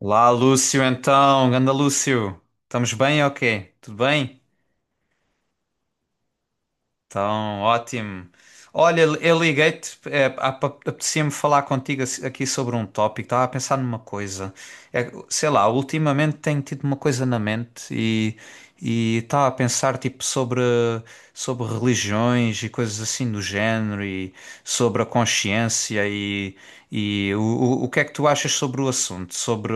Olá, Lúcio, então, ganda Lúcio, estamos bem ou quê? Tudo bem? Então, ótimo. Olha, eu liguei-te, é, apetecia-me falar contigo aqui sobre um tópico, estava a pensar numa coisa. É, sei lá, ultimamente tenho tido uma coisa na mente e estava a pensar tipo sobre, sobre religiões e coisas assim do género, sobre a consciência e o que é que tu achas sobre o assunto? Sobre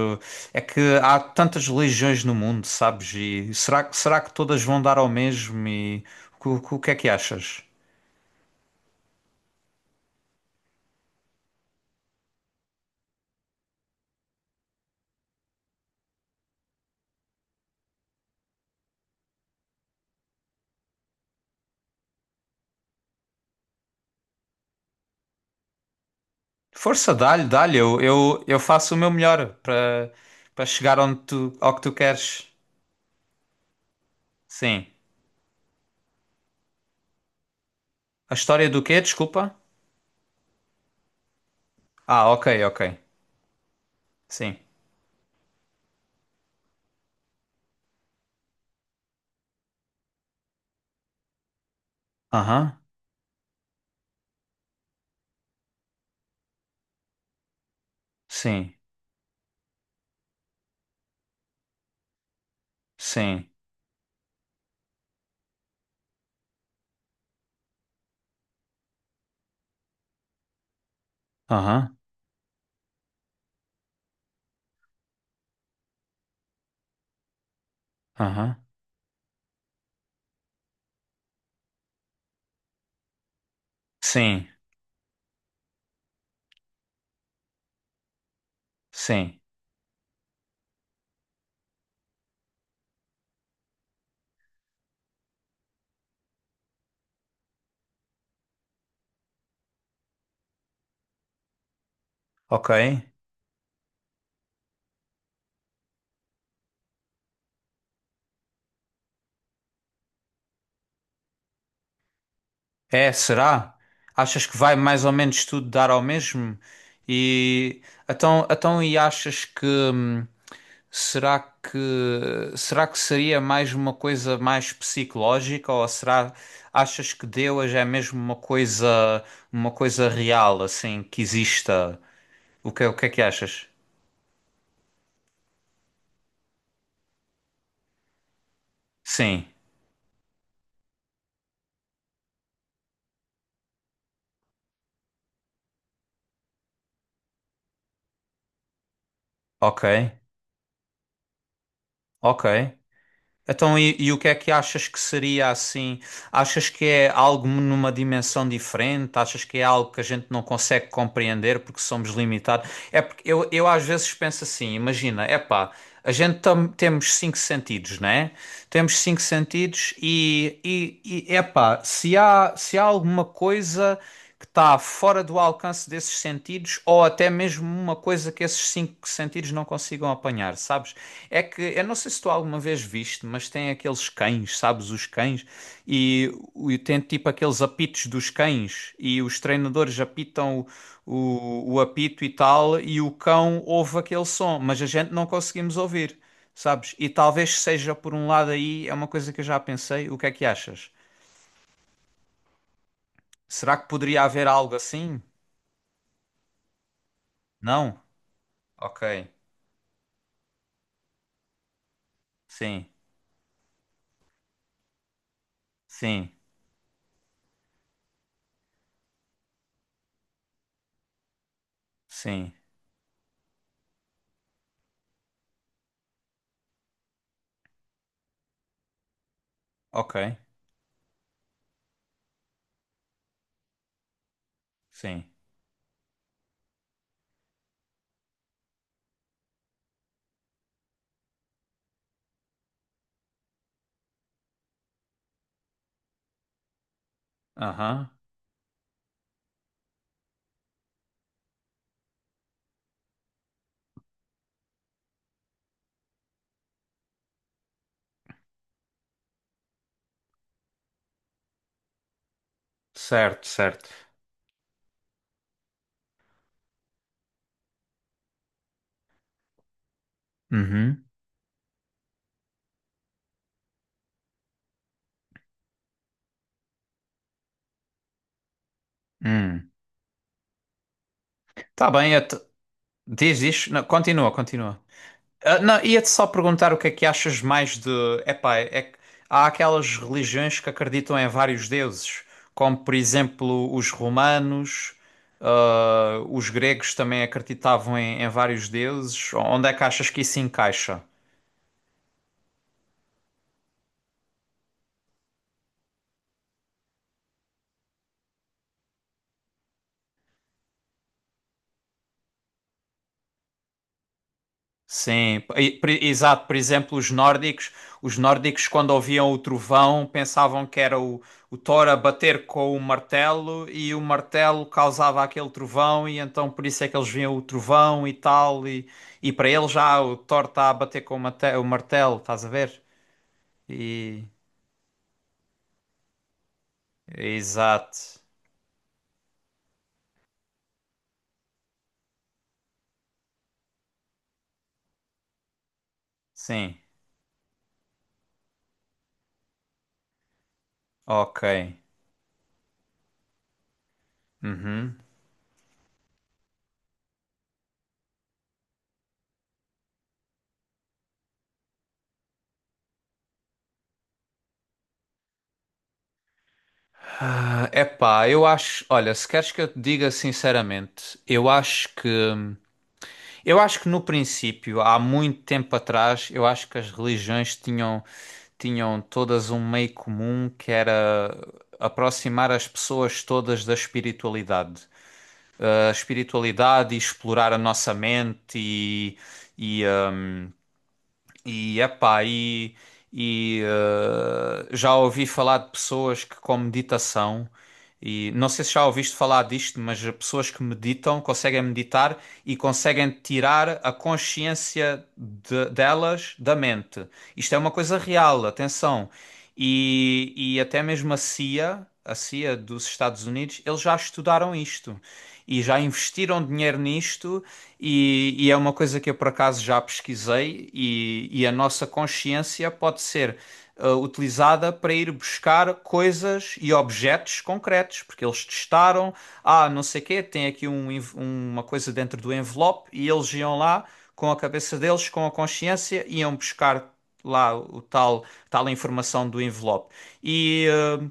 é que há tantas religiões no mundo, sabes? E será que todas vão dar ao mesmo? E o que é que achas? Força, dá-lhe, dá-lhe, eu faço o meu melhor para chegar onde tu, ao que tu queres. Sim. A história do quê? Desculpa. Ah, ok, ok. Sim. Aham. Sim. Sim. Aham. Aham. Sim. Sim. Ok. É, será? Achas que vai mais ou menos tudo dar ao mesmo? E então, então e achas que será que seria mais uma coisa mais psicológica, ou será, achas que Deus é mesmo uma coisa, uma coisa real assim que exista? O que é que achas? Sim, ok, ok. Então e o que é que achas que seria assim? Achas que é algo numa dimensão diferente? Achas que é algo que a gente não consegue compreender porque somos limitados? É porque eu às vezes penso assim, imagina, epá, temos cinco sentidos, né? Temos cinco sentidos e epá, se há alguma coisa que está fora do alcance desses sentidos, ou até mesmo uma coisa que esses cinco sentidos não consigam apanhar, sabes? É que eu não sei se tu alguma vez viste, mas tem aqueles cães, sabes? Os cães e, e tem tipo aqueles apitos dos cães, e os treinadores apitam o apito e tal, e o cão ouve aquele som, mas a gente não conseguimos ouvir, sabes? E talvez seja por um lado aí, é uma coisa que eu já pensei, o que é que achas? Será que poderia haver algo assim? Não? Ok. Sim, sim, sim. Ok, sim. Aham. Certo, certo. Uhum. Hum. Tá bem, diz isto. Não, continua, continua. Ah, não, ia-te só perguntar o que é que achas mais de. Epá, é que há aquelas religiões que acreditam em vários deuses, como por exemplo os romanos, ah, os gregos também acreditavam em, em vários deuses. Onde é que achas que isso encaixa? Sim, exato. Por exemplo, os nórdicos, os nórdicos, quando ouviam o trovão, pensavam que era o Thor a bater com o martelo, e o martelo causava aquele trovão, e então por isso é que eles viam o trovão e tal, e para eles já o Thor está a bater com o o martelo, estás a ver? E exato. Sim. Ok. Uhum. É epá, eu acho, olha, se queres que eu te diga sinceramente, eu acho que eu acho que no princípio, há muito tempo atrás, eu acho que as religiões tinham, tinham todas um meio comum que era aproximar as pessoas todas da espiritualidade. A espiritualidade e explorar a nossa mente e e, epá, e eh, já ouvi falar de pessoas que com meditação, e não sei se já ouviste falar disto, mas pessoas que meditam, conseguem meditar e conseguem tirar a consciência delas da mente. Isto é uma coisa real, atenção. E até mesmo a CIA, a CIA dos Estados Unidos, eles já estudaram isto e já investiram dinheiro nisto, e é uma coisa que eu por acaso já pesquisei, e a nossa consciência pode ser ah, utilizada para ir buscar coisas e objetos concretos, porque eles testaram, ah, não sei quê, tem aqui um uma coisa dentro do envelope, e eles iam lá com a cabeça deles, com a consciência, iam buscar lá tal informação do envelope. E, eh,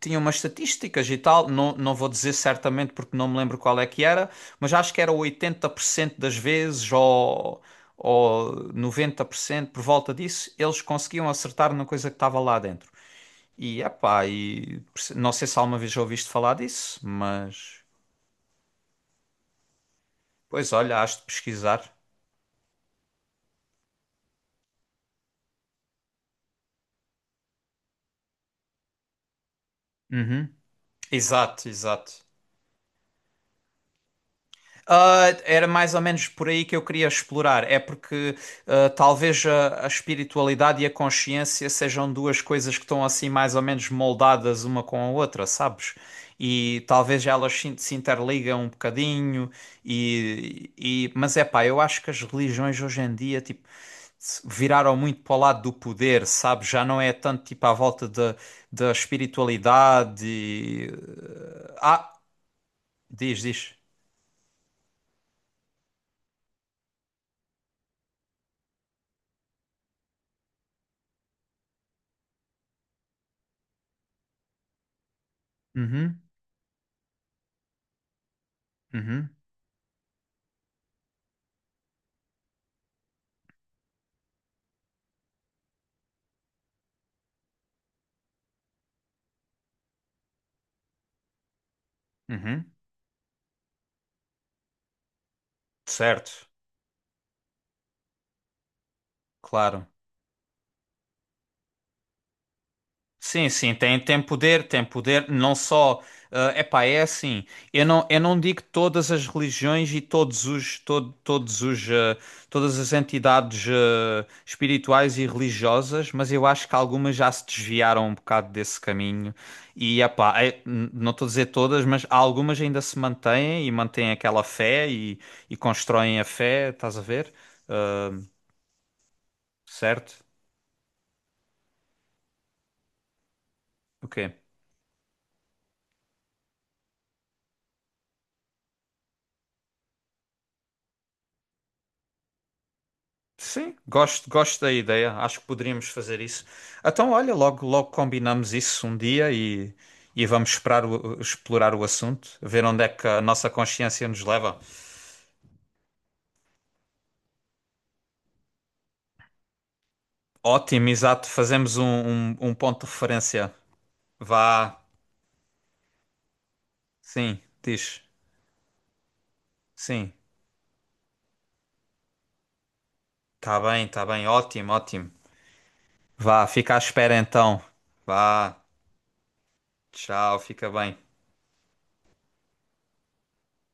tinha umas estatísticas e tal, não, não vou dizer certamente porque não me lembro qual é que era, mas acho que era 80% das vezes, ou 90%, por cento, por volta disso, eles conseguiam acertar na coisa que estava lá dentro. E epá, e não sei se alguma vez já ouviste falar disso, mas pois olha, has de pesquisar. Uhum. Exato, exato. Ah, era mais ou menos por aí que eu queria explorar. É porque ah, talvez a espiritualidade e a consciência sejam duas coisas que estão assim mais ou menos moldadas uma com a outra, sabes? E talvez elas se interligam um bocadinho e mas é pá, eu acho que as religiões hoje em dia tipo viraram muito para o lado do poder, sabes? Já não é tanto tipo à volta da da espiritualidade. E- Ah, diz, diz. Uhum, uhum, uhum. Certo, claro. Sim, sim, tem, tem poder, não só, é epá, é assim, eu não digo todas as religiões e todos os, todo, todos os, eh, todas as entidades, eh, espirituais e religiosas, mas eu acho que algumas já se desviaram um bocado desse caminho e, epá, é, não estou a dizer todas, mas algumas ainda se mantêm e mantêm aquela fé e constroem a fé, estás a ver? Certo? O quê? Sim, gosto, gosto da ideia. Acho que poderíamos fazer isso. Então, olha, logo, logo combinamos isso um dia e vamos esperar explorar o assunto, ver onde é que a nossa consciência nos leva. Ótimo, exato. Fazemos um, um, um ponto de referência. Vá, sim, diz. Sim, tá bem, tá bem. Ótimo, ótimo. Vá, fica à espera então. Vá, tchau, fica bem.